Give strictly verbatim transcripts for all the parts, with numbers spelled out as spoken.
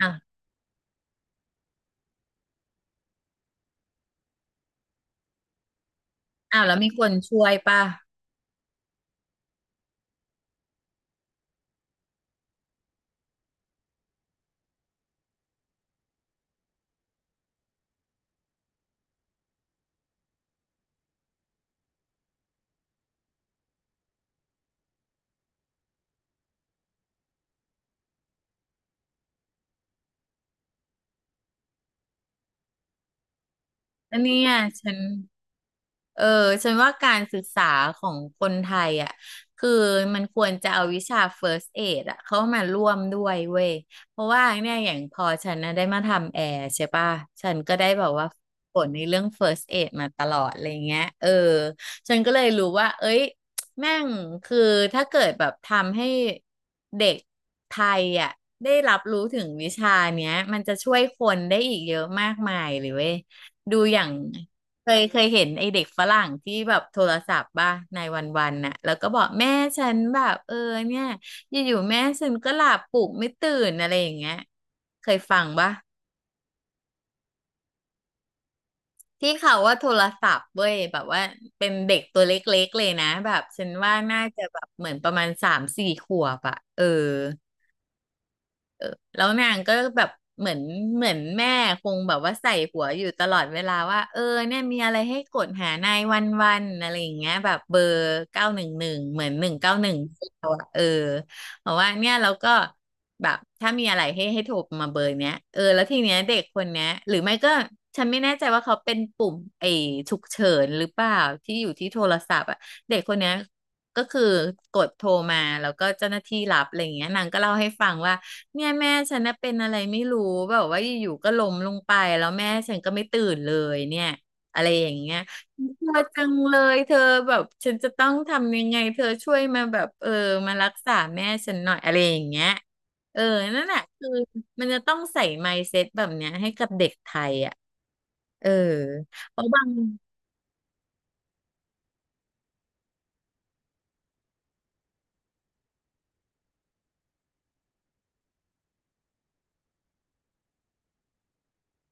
อ้าวอ้าวแล้วมีคนช่วยป่ะ อันเนี้อ่ะฉันเออฉันว่าการศึกษาของคนไทยอ่ะคือมันควรจะเอาวิชา First Aid อ่ะเข้ามาร่วมด้วยเว้ยเพราะว่าเนี่ยอย่างพอฉันนะได้มาทำแอร์ใช่ป่ะฉันก็ได้แบบว่าฝนในเรื่อง First Aid มาตลอดอะไรเงี้ยเออฉันก็เลยรู้ว่าเอ้ยแม่งคือถ้าเกิดแบบทำให้เด็กไทยอ่ะได้รับรู้ถึงวิชาเนี้ยมันจะช่วยคนได้อีกเยอะมากมายเลยเว้ย ดูอย่างเคยเคยเห็นไอเด็กฝรั่งที่แบบโทรศัพท์บ้าในวันวันน่ะแล้วก็บอกแม่ฉันแบบเออเนี่ยอยู่ๆแม่ฉันก็หลับปลุกไม่ตื่นอะไรอย่างเงี้ยเคยฟังปะที่เขาว่าโทรศัพท์เว้ยแบบว่าเป็นเด็กตัวเล็กๆเลยนะแบบฉันว่าน่าจะแบบเหมือนประมาณสามสี่ขวบอะเออ แล้วนางก็แบบเหมือนเหมือนแม่คงแบบว่าใส่หัวอยู่ตลอดเวลาว่าเออเนี่ยมีอะไรให้กดหานายวันวันอะไรอย่างเงี้ยแบบเบอร์เก้าหนึ่งหนึ่งเหมือนหนึ่งเก้าหนึ่งเออบอกว่าเนี่ยเราก็แบบถ้ามีอะไรให้ให้โทรมาเบอร์เนี้ยเออแล้วทีเนี้ยเด็กคนเนี้ยหรือไม่ก็ฉันไม่แน่ใจว่าเขาเป็นปุ่มไอ้ฉุกเฉินหรือเปล่าที่อยู่ที่โทรศัพท์อะเด็กคนเนี้ยก็คือกดโทรมาแล้วก็เจ้าหน้าที่รับอะไรอย่างเงี้ยนางก็เล่าให้ฟังว่า เนี่ยแม่ฉันน่ะเป็นอะไรไม่รู้แบบว่าอยู่ๆก็ล้มลงไปแล้วแม่ฉันก็ไม่ตื่นเลยเนี่ยอะไรอย่างเงี้ยเธอจังเลยเธอแบบฉันจะต้องทำยังไงเธอช่วยมาแบบเออมารักษาแม่ฉันหน่อยอะไรอย่างเงี้ยเออนั่นแหละคือมันจะต้องใส่ mindset แบบเนี้ยให้กับเด็กไทยอ่ะเออเพราะบาง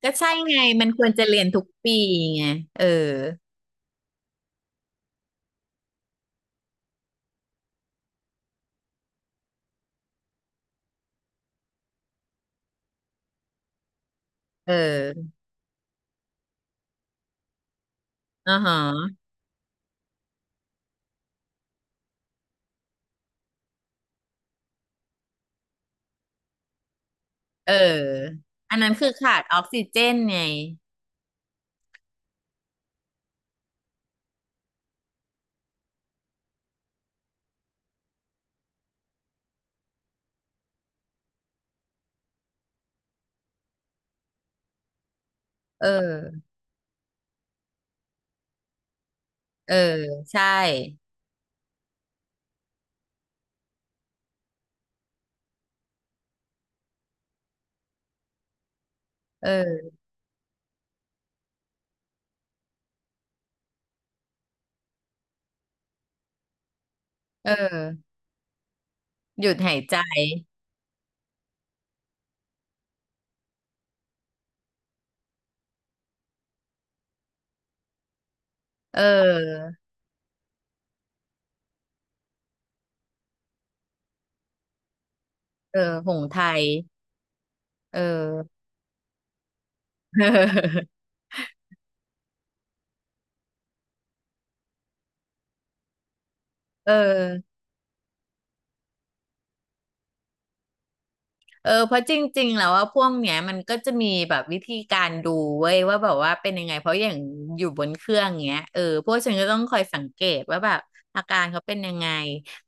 ก็ใช่ไงมันควรจะเรียนทุกปีไงเออเอออ่าฮะเอออันนั้นคือขาดออกซิเจนไง เออ เออ ใช่เออเออ หยุดหายใจ เออเออหงส์ไทยเออ เออเออเพราะจริงๆ แล้วว่าพวกเนี้ยมันก็จะมีแบบวิธีการดูเว้ยว่าแบบว่าเป็นยังไงเพราะอย่างอยู่บนเครื่องเงี้ยเออพวกฉันก็ต้องคอยสังเกตว่าแบบอาการเขาเป็นยังไง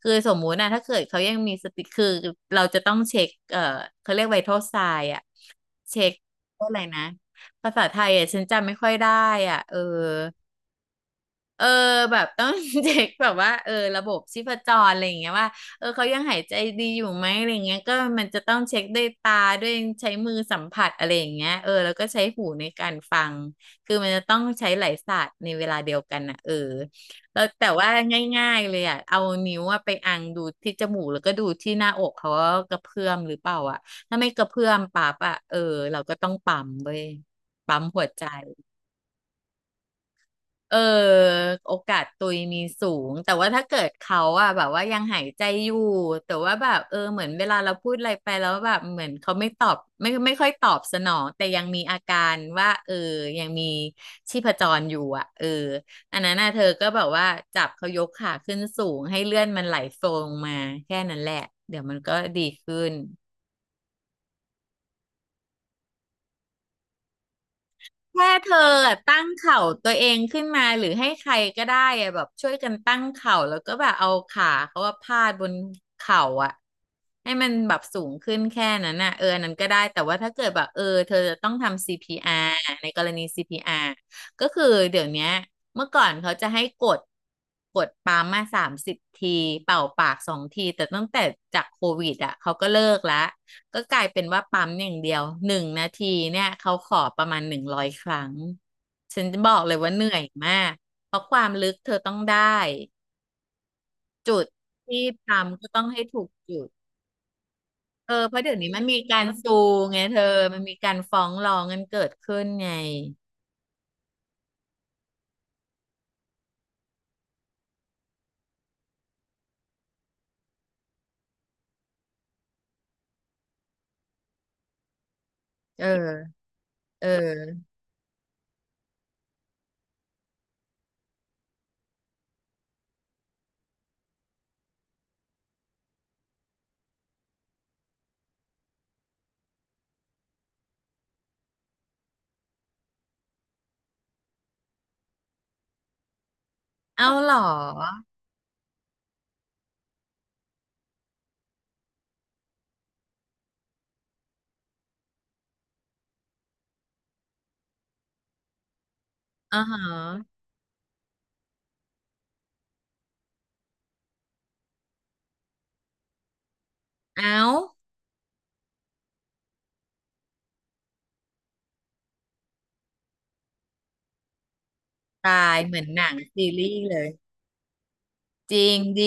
คือสมมุตินะถ้าเกิดเขายังมีสติคือเราจะต้องเช็คเออเขาเรียกไวทัลไซน์ เช็คอะไรนะภาษาไทยอ่ะฉันจำไม่ค่อยได้อ่ะเออ เออแบบต้อง เช็คแบบว่าเออระบบชีพจรอะไรอย่างเงี้ยว่าเออเขายังหายใจดีอยู่ไหมอะไรเงี้ยก็มันจะต้องเช็คด้วยตาด้วยใช้มือสัมผัสอะไรอย่างเงี้ยเออแล้วก็ใช้หูในการฟังคือมันจะต้องใช้หลายศาสตร์ในเวลาเดียวกันอ่ะเออแล้วแต่ว่าง่ายๆเลยอ่ะเอานิ้วอะไปอังดูที่จมูกแล้วก็ดูที่หน้าอกเขาว่ากระเพื่อมหรือเปล่าอ่ะถ้าไม่กระเพื่อมปั๊บอ่ะเออเราก็ต้องปั๊มเว้ยปั๊มหัวใจ เออโอกาสตุยมีสูงแต่ว่าถ้าเกิดเขาอะแบบว่ายังหายใจอยู่แต่ว่าแบบเออเหมือนเวลาเราพูดอะไรไปแล้วแบบเหมือนเขาไม่ตอบไม่ไม่ค่อยตอบสนองแต่ยังมีอาการว่าเออยังมีชีพจรอยู่อะเอออันนั้นน่ะเธอก็แบบว่าจับเขายกขาขึ้นสูงให้เลื่อนมันไหลโฟงมาแค่นั้นแหละเดี๋ยวมันก็ดีขึ้น แค่เธออะตั้งเข่าตัวเองขึ้นมาหรือให้ใครก็ได้อะแบบช่วยกันตั้งเข่าแล้วก็แบบเอาขาเขาว่าพาดบนเข่าอะให้มันแบบสูงขึ้นแค่นั้นน่ะเอออันนั้นก็ได้แต่ว่าถ้าเกิดแบบเออเธอจะต้องทำ ซี พี อาร์ ในกรณี ซี พี อาร์ ก็คือเดี๋ยวเนี้ยเมื่อก่อนเขาจะให้กดกดปั๊มมาสามสิบทีเป่าปากสองทีแต่ตั้งแต่จากโควิดอ่ะเขาก็เลิกละ ก็กลายเป็นว่าปั๊มอย่างเดียวหนึ่งนาทีเนี่ยเขาขอประมาณหนึ่งร้อยครั้งฉันจะบอกเลยว่าเหนื่อยมากเพราะความลึกเธอต้องได้จุดที่ปั๊มก็ต้องให้ถูกจุดเออเพราะเดี๋ยวนี้มันมีการซูไงเธอมันมีการฟ้องร้องกันเกิดขึ้นไงเออเออเอาเหรออ๋อฮะเอาตายเหมือนหนังซีรีส์เลยจริงดี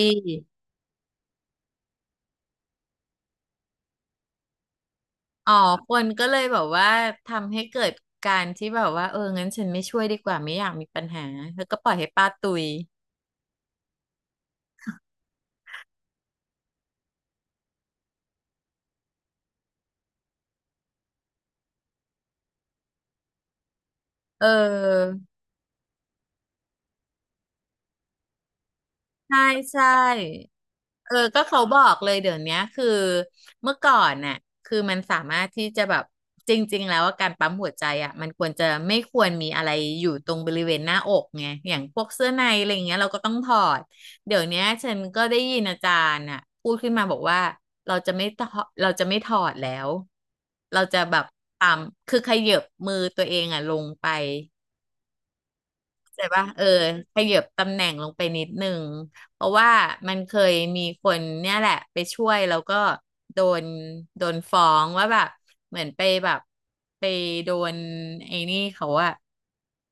อ๋อ คนก็เลยแบบว่าทำให้เกิดการที่แบบว่าเอองั้นฉันไม่ช่วยดีกว่าไม่อยากมีปัญหาแล้วก็ปล่อยให้ป้าตุย เออ ใช่ ใช่ เออก็เขาบอกเลยเดี๋ยวเนี้ยคือเมื่อก่อนน่ะคือมันสามารถที่จะแบบจริงๆแล้วว่าการปั๊มหัวใจอ่ะมันควรจะไม่ควรมีอะไรอยู่ตรงบริเวณหน้าอกไงอย่างพวกเสื้อในอะไรอย่างเงี้ยเราก็ต้องถอดเดี๋ยวเนี้ยฉันก็ได้ยินอาจารย์น่ะพูดขึ้นมาบอกว่าเราจะไม่ถอดเราจะไม่ถอดแล้วเราจะแบบปั๊มคือขยับมือตัวเองอ่ะลงไป แต่ว่าเออขยับตำแหน่งลงไปนิดนึงเพราะว่ามันเคยมีคนเนี่ยแหละไปช่วยแล้วก็โดนโดนฟ้องว่าแบบเหมือนไปแบบไปโดนไอ้นี่เขาอะ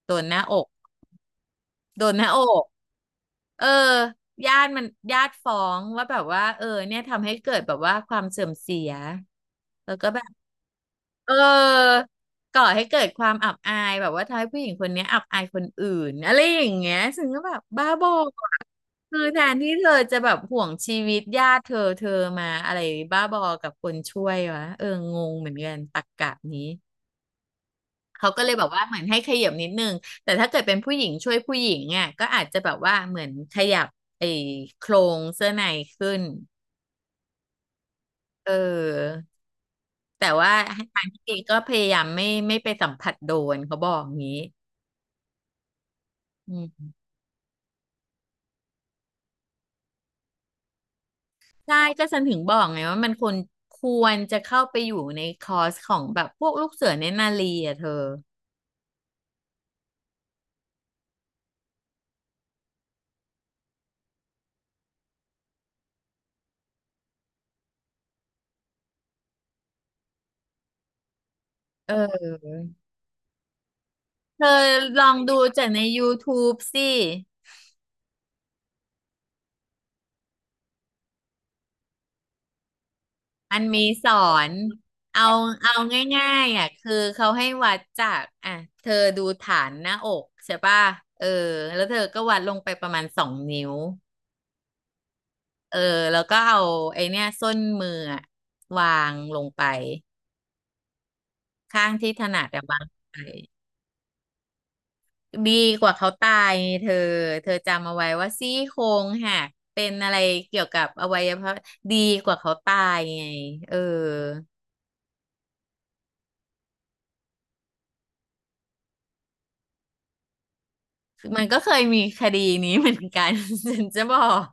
โดนหน้าอกโดนหน้าอกเออญาติมันญาติฟ้องว่าแบบว่าเออเนี่ยทำให้เกิดแบบว่าความเสื่อมเสียแล้วก็แบบ เออก่อให้เกิดความอับอายแบบว่าทำให้ผู้หญิงคนเนี้ยอับอายคนอื่นอะไรอย่างเงี้ยซึ่งก็แบบบ้าบออะคือแทนที่เธอจะแบบห่วงชีวิตญาติเธอเธอมาอะไรบ้าบอกับคนช่วยวะเอองงเหมือนกันตรรกะนี้เขาก็เลยแบบว่าเหมือนให้ขยับนิดนึงแต่ถ้าเกิดเป็นผู้หญิงช่วยผู้หญิงอ่ะก็อาจจะแบบว่าเหมือนขยับไอ้โครงเสื้อในขึ้น เออแต่ว่าให้ทางที่ดีก็พยายามไม่ไม่ไปสัมผัสโดนเขาบอกงี้อืมใช่ก็ฉันถึงบอกไงว่ามันควรควรจะเข้าไปอยู่ในคอร์สของแบบพวกลูกเสือเนตรนารีอ่ะเธอเออเธอลองดูจากใน ยูทูบ สิมันมีสอนเอาเอาง่ายๆอ่ะคือเขาให้วัดจากอ่ะเธอดูฐานหน้าอกใช่ป่ะเออแล้วเธอก็วัดลงไปประมาณสองนิ้ว เออแล้วก็เอาไอเนี้ยส้นมืออะวางลงไปข้างที่ถนัดแต่วางลงไปดีกว่าเขาตายเธอเธอจำเอาไว้ว่าซี่โครงหักเป็นอะไรเกี่ยวกับอวัยวะดีกว่าเขาตายไงเออมันก็เคยมีคดีนี้เหมือนกัน ฉันจะบอก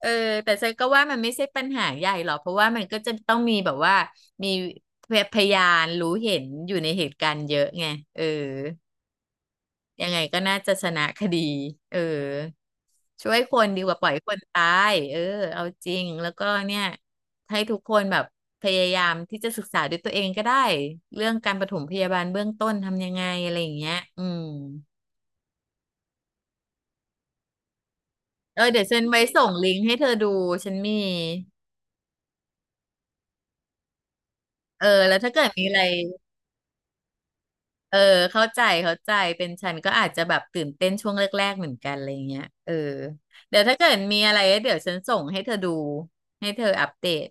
เออแต่ฉันก็ว่ามันไม่ใช่ปัญหาใหญ่หรอกเพราะว่ามันก็จะต้องมีแบบว่ามีพยานรู้เห็นอยู่ในเหตุการณ์เยอะไงเออ ยังไงก็น่าจะชนะคดีเออช่วยคนดีกว่าปล่อยคนตายเออเอาจริง แล้วก็เนี่ยให้ทุกคนแบบพยายามที่จะศึกษาด้วยตัวเองก็ได้เรื่องการปฐมพยาบาลเบื้องต้นทำยังไงอะไรอย่างเงี้ยอืมเออเดี๋ยวฉันไว้ส่งลิงก์ให้เธอดูฉันมีเออแล้วถ้าเกิดมีอะไรเออเข้าใจเข้าใจเป็นฉันก็อาจจะแบบตื่นเต้นช่วงแรกๆเหมือนกันอะไรเงี้ยเออเดี๋ยวถ้าเกิดมีอะไรเดี๋ยวฉันส่งให้เธอดูให้เธออัปเดต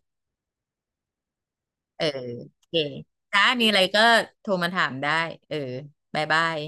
เออโอเคถ้ามีอะไรก็โทรมาถามได้เออบ๊ายบาย